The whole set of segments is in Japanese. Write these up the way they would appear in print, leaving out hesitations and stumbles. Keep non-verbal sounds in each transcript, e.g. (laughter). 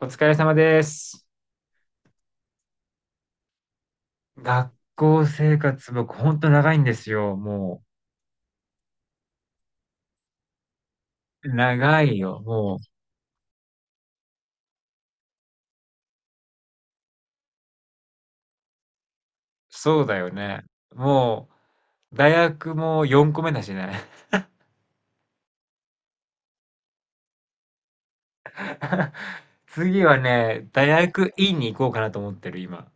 お疲れ様です。学校生活僕ほんと長いんですよ。もう、長いよ。もう、そうだよね。もう、大学も4個目だしね。(laughs) 次はね、大学院に行こうかなと思ってる、今。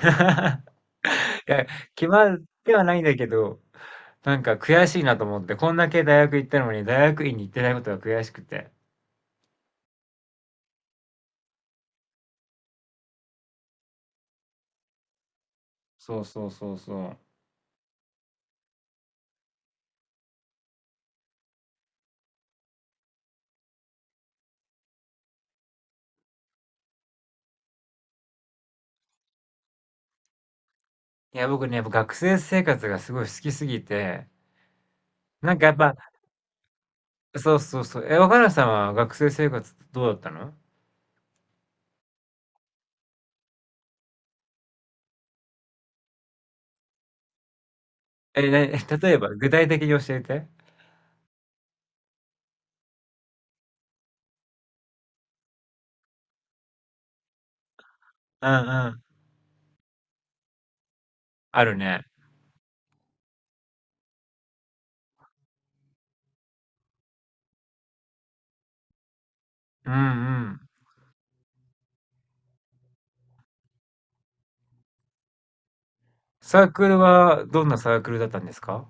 (laughs) いや、決まってはないんだけど、なんか悔しいなと思って、こんだけ大学行ったのに大学院に行ってないことが悔しくて。そうそうそうそう。いや、僕ね、やっぱ学生生活がすごい好きすぎて、なんかやっぱそうそうそう。え、若菜さんは学生生活どうだったの？え、な、(laughs) 例えば具体的に教えて。うんうん。あるね。うんうん。サークルはどんなサークルだったんですか？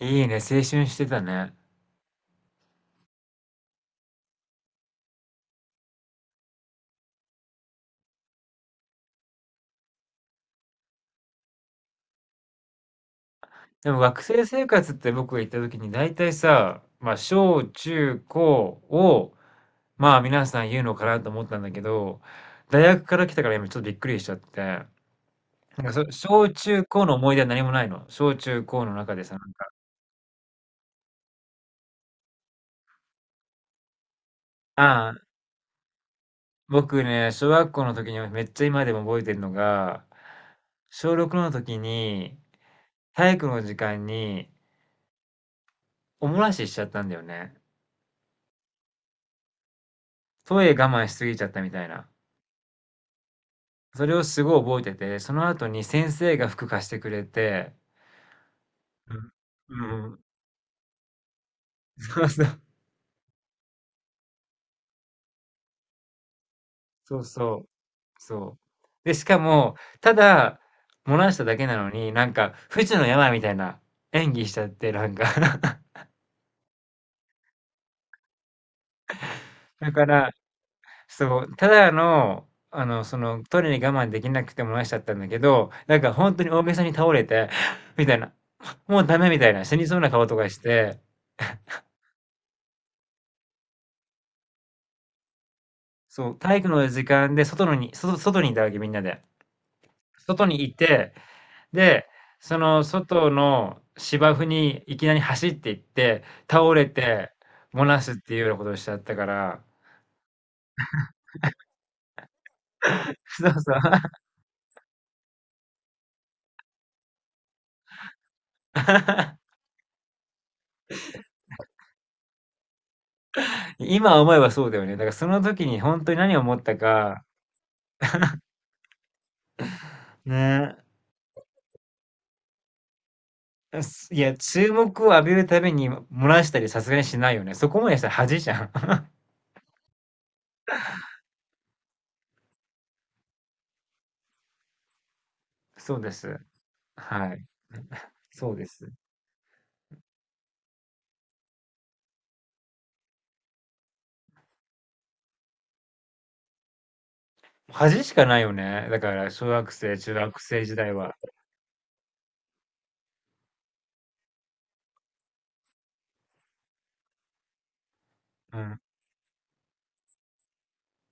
いいね、青春してたね。でも学生生活って僕が行った時に大体さ、まあ小中高を、まあ皆さん言うのかなと思ったんだけど、大学から来たから今ちょっとびっくりしちゃって。なんかそ、小中高の思い出は何もないの？小中高の中でさ、なんか。あ、僕ね、小学校の時にめっちゃ今でも覚えてるのが、小6の時に体育の時間にお漏らししちゃったんだよね。トイレ我慢しすぎちゃったみたいな。それをすごい覚えてて、その後に先生が服貸してくれて、うん、うんうん、そうそう、そうそう、そう。で、しかも、ただ、漏らしただけなのに、なんか、不治の病みたいな演技しちゃって、なんか。 (laughs) だから、そう、ただの、あの、その、トイレに我慢できなくて漏らしちゃったんだけど、なんか本当に大げさに倒れて、(laughs) みたいな、もうダメみたいな、死にそうな顔とかして、そう、体育の時間で外にいたわけ、みんなで。外にいて、で、その外の芝生にいきなり走っていって、倒れて、漏らすっていうようなことをしちゃったから、そうそう。(laughs) 今思えばそうだよね。だからその時に本当に何を思ったか、ね。いや、注目を浴びるために漏らしたりさすがにしないよね。そこまでしたら恥じゃん。(laughs) そうです。はい。そうです。恥しかないよね。だから小学生、中学生時代は。うん。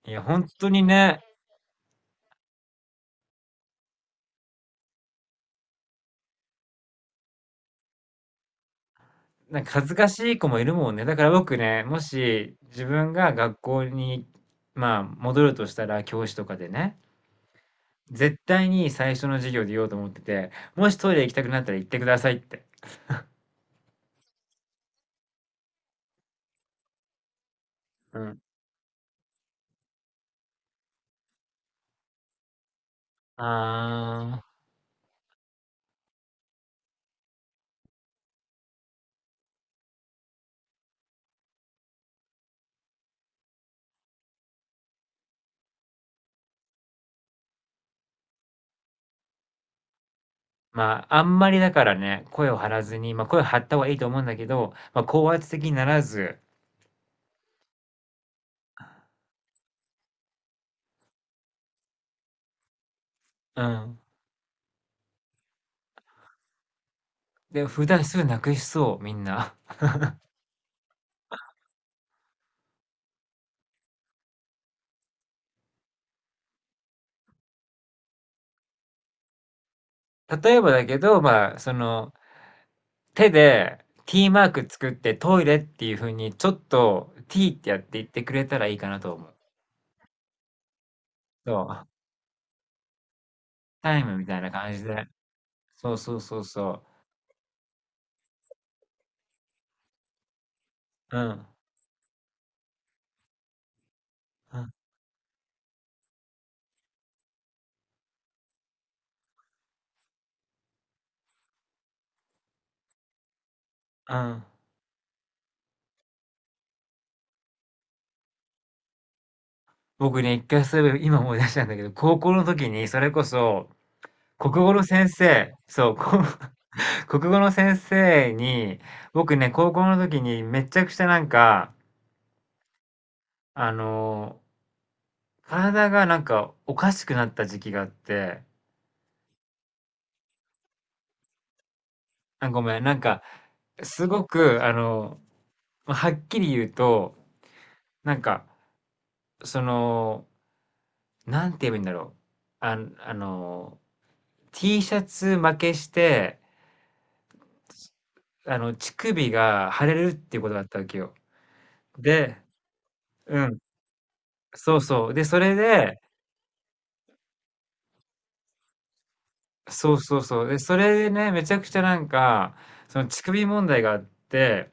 いや、本当にね、なんか恥ずかしい子もいるもんね。だから僕ね、もし自分が学校に、まあ、戻るとしたら、教師とかでね、絶対に最初の授業で言おうと思ってて、もしトイレ行きたくなったら行ってくださいって。うん。ああ。まあ、あんまりだからね、声を張らずに、まあ、声を張った方がいいと思うんだけど、まあ、高圧的にならず、うん。で、普段すぐなくしそう、みんな。(laughs) 例えばだけど、まあ、その、手で T マーク作ってトイレっていう風に、ちょっと T ってやって言ってくれたらいいかなと思う。そう、タイムみたいな感じで。そうそうそうそう。うん、うん、うん。僕ね、一回そういえば今思い出したんだけど、高校の時にそれこそ、国語の先生、そう、国語の先生に、僕ね、高校の時にめちゃくちゃなんか、あのー体がなんかおかしくなった時期があって、あ、ごめん、なんか、すごく、はっきり言うと、なんか、その、なんて言えばいいんだろう。あ、T シャツ負けして、あの、乳首が腫れるっていうことがあったわけよ。で、うん、そうそう。で、それで、そうそうそう。で、それでね、めちゃくちゃなんか、その乳首問題があって、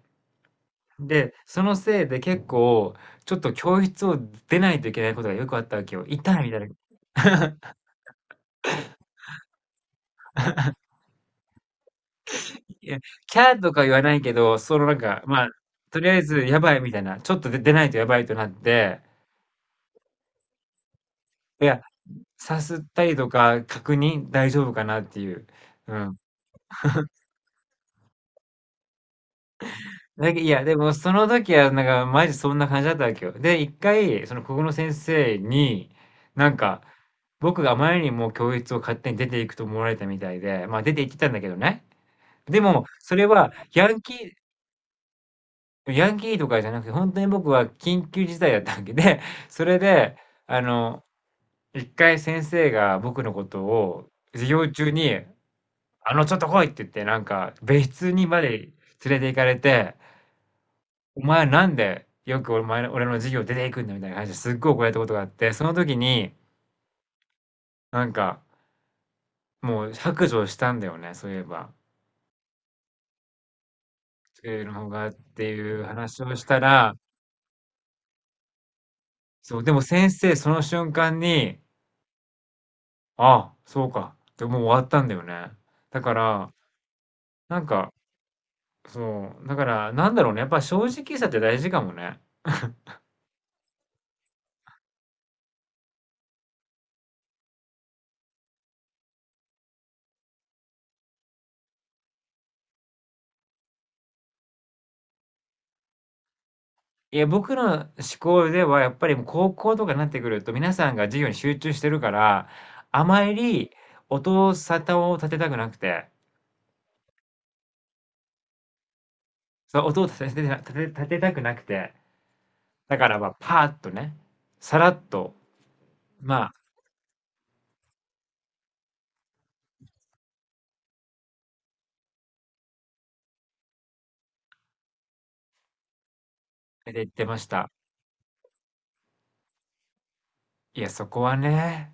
で、そのせいで結構、ちょっと教室を出ないといけないことがよくあったわけよ。痛いみたいな。(laughs) いや、キャーとか言わないけど、そのなんか、まあ、とりあえずやばいみたいな、ちょっとで出ないとやばいとなって、いや、さすったりとか確認大丈夫かなっていう。うん。だけいや、でもその時は、なんか、マジそんな感じだったわけよ。で、一回、そのここの先生に、なんか、僕があまりにも教室を勝手に出ていくと思われたみたいで、まあ出て行ってたんだけどね。でも、それはヤンキーとかじゃなくて、本当に僕は緊急事態だったわけで、それで、あの、一回先生が僕のことを授業中に、あの、ちょっと来いって言って、なんか、別室にまで連れて行かれて、お前なんでよくお前の、俺の授業出ていくんだみたいな感じですっごい怒られたことがあって、その時になんかもう白状したんだよね、そういえば。そういうのがっていう話をしたら、そう、でも先生その瞬間に、あ、そうか、でもう終わったんだよね。だから、なんか、そう、だからなんだろうね、やっぱ正直さって大事かもね。いや、僕の思考ではやっぱりもう高校とかになってくると、皆さんが授業に集中してるから、あまり音沙汰を立てたくなくて、そう、音を立てたくなくて、だからまあ、パーッとね、さらっと、まあ、出て行ってました。いや、そこはね、